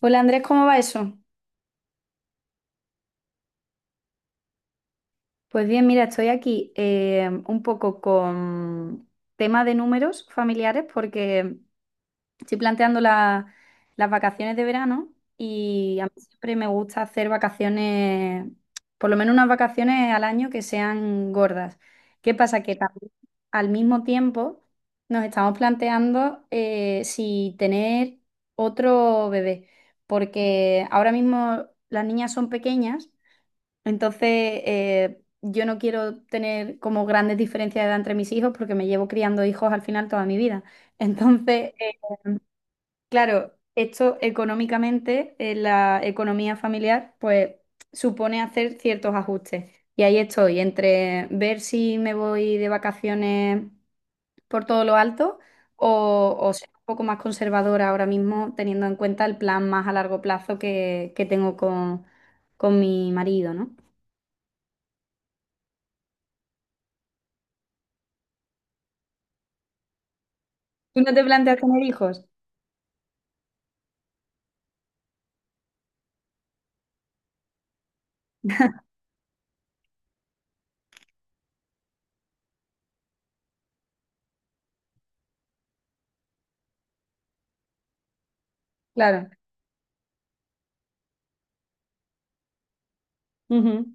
Hola Andrés, ¿cómo va eso? Pues bien, mira, estoy aquí un poco con tema de números familiares porque estoy planteando las vacaciones de verano y a mí siempre me gusta hacer vacaciones, por lo menos unas vacaciones al año que sean gordas. ¿Qué pasa? Que también al mismo tiempo nos estamos planteando si tener otro bebé, porque ahora mismo las niñas son pequeñas. Entonces, yo no quiero tener como grandes diferencias de edad entre mis hijos porque me llevo criando hijos al final toda mi vida. Entonces, claro, esto económicamente en la economía familiar, pues supone hacer ciertos ajustes. Y ahí estoy, entre ver si me voy de vacaciones por todo lo alto o, ser un poco más conservadora ahora mismo, teniendo en cuenta el plan más a largo plazo que tengo con mi marido, ¿no? Tú no te planteas tener hijos, claro. Ujú,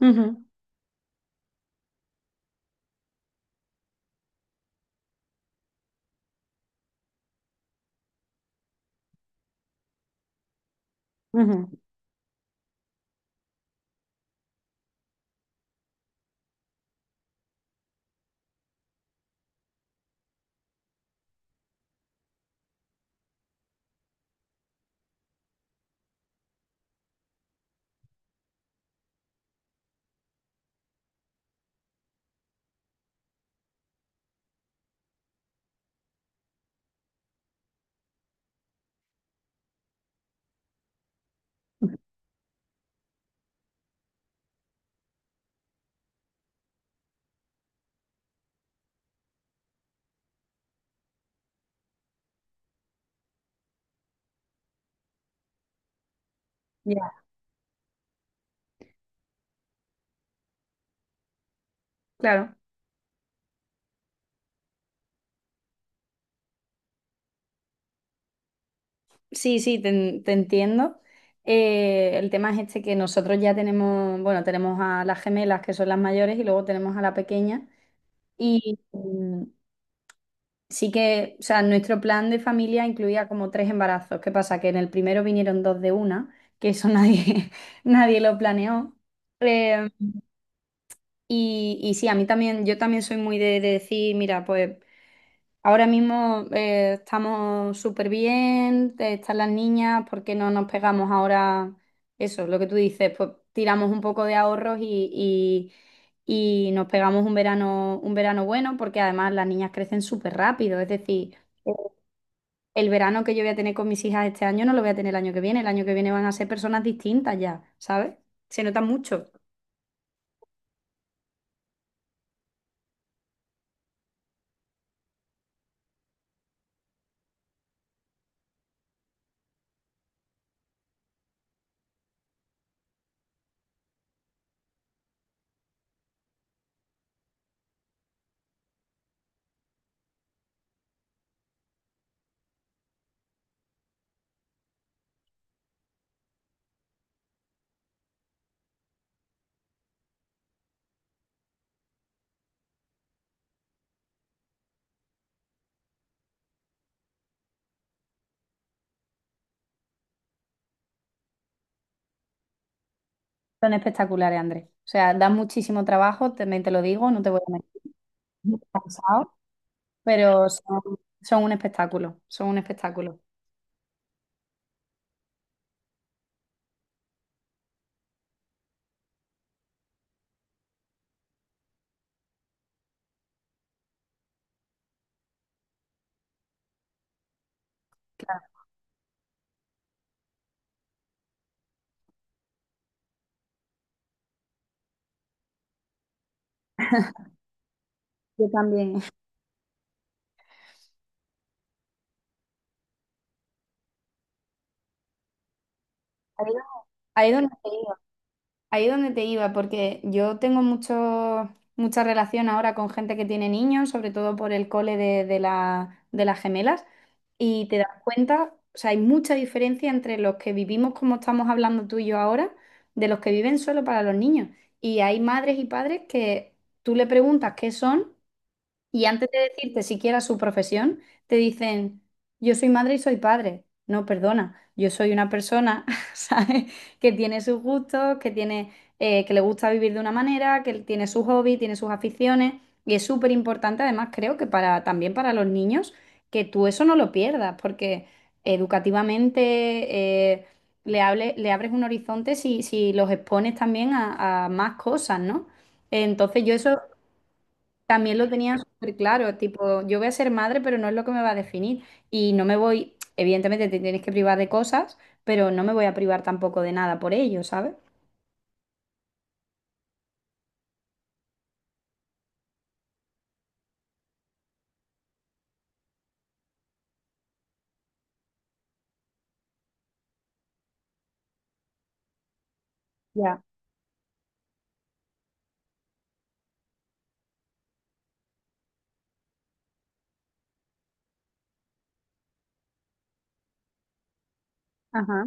ujú, ujú. Ya, claro. Sí, sí, te entiendo. El tema es este que nosotros ya tenemos, bueno, tenemos a las gemelas que son las mayores y luego tenemos a la pequeña. Y sí que, o sea, nuestro plan de familia incluía como tres embarazos. ¿Qué pasa? Que en el primero vinieron dos de una, que eso nadie, nadie lo planeó. Eh, y sí, a mí también, yo también soy muy de decir, mira, pues ahora mismo estamos súper bien, están las niñas, ¿por qué no nos pegamos ahora eso? Lo que tú dices, pues tiramos un poco de ahorros y, y nos pegamos un verano bueno, porque además las niñas crecen súper rápido, es decir, eh, el verano que yo voy a tener con mis hijas este año no lo voy a tener el año que viene, el año que viene van a ser personas distintas ya, ¿sabes? Se nota mucho. Son espectaculares, Andrés. O sea, dan muchísimo trabajo, también te lo digo, no te voy a mentir. Muy cansado. Pero son, son un espectáculo, son un espectáculo. Claro, yo también. Ahí donde te iba, ahí donde te iba, porque yo tengo mucho, mucha relación ahora con gente que tiene niños, sobre todo por el cole de de las gemelas, y te das cuenta, o sea, hay mucha diferencia entre los que vivimos como estamos hablando tú y yo ahora, de los que viven solo para los niños. Y hay madres y padres que tú le preguntas qué son. Y antes de decirte siquiera su profesión, te dicen, yo soy madre y soy padre. No, perdona, yo soy una persona, ¿sabes? Que tiene sus gustos, que tiene, que le gusta vivir de una manera, que tiene sus hobbies, tiene sus aficiones. Y es súper importante, además, creo que para, también para los niños, que tú eso no lo pierdas, porque educativamente eh, le, le abres un horizonte si, si los expones también a más cosas, ¿no? Entonces, yo eso también lo tenían súper claro, tipo, yo voy a ser madre, pero no es lo que me va a definir. Y no me voy, evidentemente te tienes que privar de cosas, pero no me voy a privar tampoco de nada por ello, ¿sabes? Ya, ajá,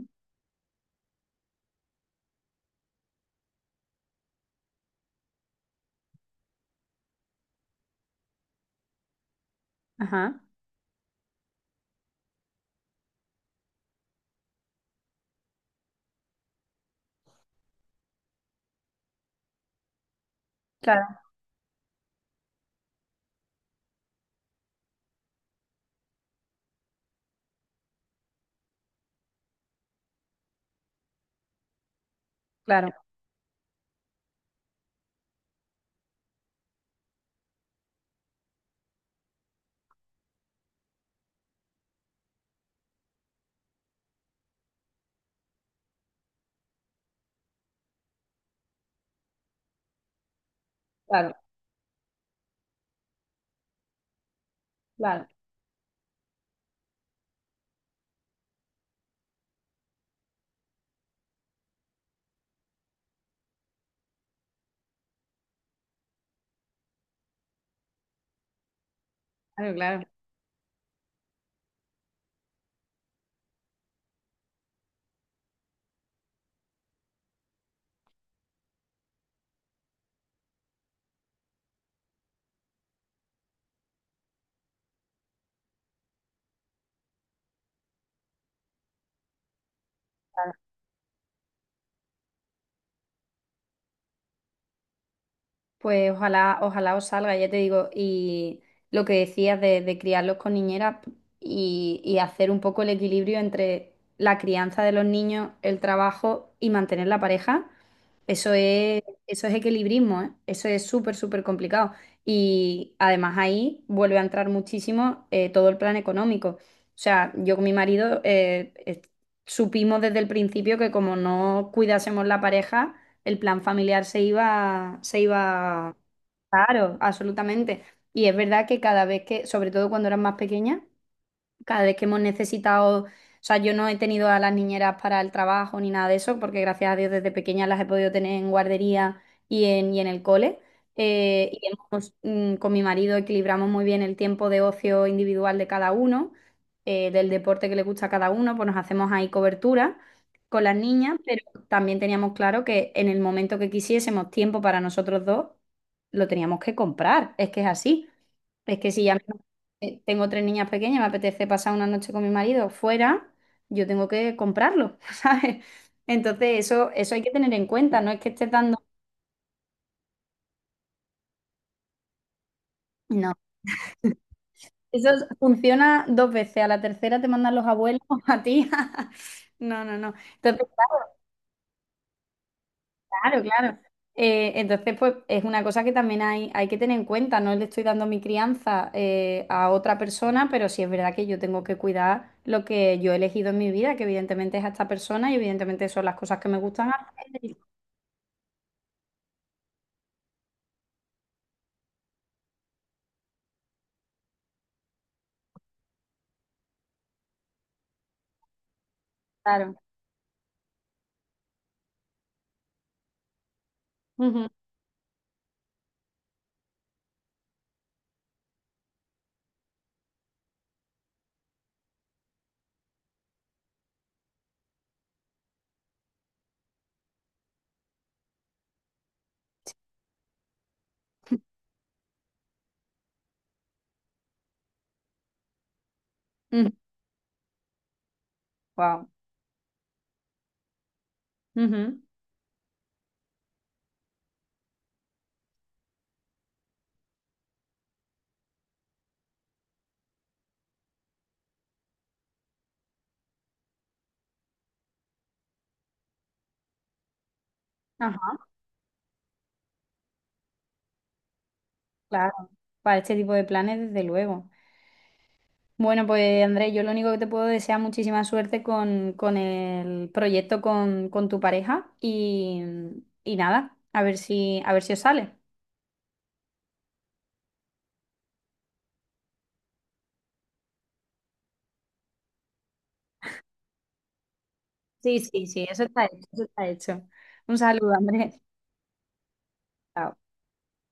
ajá, claro, claro, claro, claro, claro, claro. Pues ojalá, ojalá os salga, ya te digo, y lo que decías de criarlos con niñeras y hacer un poco el equilibrio entre la crianza de los niños, el trabajo y mantener la pareja. Eso es equilibrismo, ¿eh? Eso es súper, súper complicado. Y además ahí vuelve a entrar muchísimo todo el plan económico. O sea, yo con mi marido supimos desde el principio que como no cuidásemos la pareja, el plan familiar se iba, claro, absolutamente. Y es verdad que cada vez que, sobre todo cuando eran más pequeñas, cada vez que hemos necesitado, o sea, yo no he tenido a las niñeras para el trabajo ni nada de eso, porque gracias a Dios desde pequeña las he podido tener en guardería y y en el cole. Y hemos, con mi marido equilibramos muy bien el tiempo de ocio individual de cada uno, del deporte que le gusta a cada uno, pues nos hacemos ahí cobertura con las niñas, pero también teníamos claro que en el momento que quisiésemos tiempo para nosotros dos, lo teníamos que comprar, es que es así. Es que si ya tengo tres niñas pequeñas, me apetece pasar una noche con mi marido fuera, yo tengo que comprarlo, ¿sabes? Entonces eso hay que tener en cuenta, no es que esté dando... No, eso es- funciona dos veces, a la tercera te mandan los abuelos a ti. No, no, no. Entonces, claro, claro. Entonces, pues es una cosa que también hay que tener en cuenta. No le estoy dando mi crianza a otra persona, pero sí es verdad que yo tengo que cuidar lo que yo he elegido en mi vida, que evidentemente es a esta persona y evidentemente son las cosas que me gustan hacer. Y- claro. Ujú, ujú. Wow. Ujú. Ajá, claro. Para este tipo de planes, desde luego. Bueno, pues Andrés, yo lo único que te puedo desear muchísima suerte con el proyecto con tu pareja y nada, a ver si os sale. Sí, sí, sí, eso está hecho, eso está hecho. Un saludo, Andrés. Chao.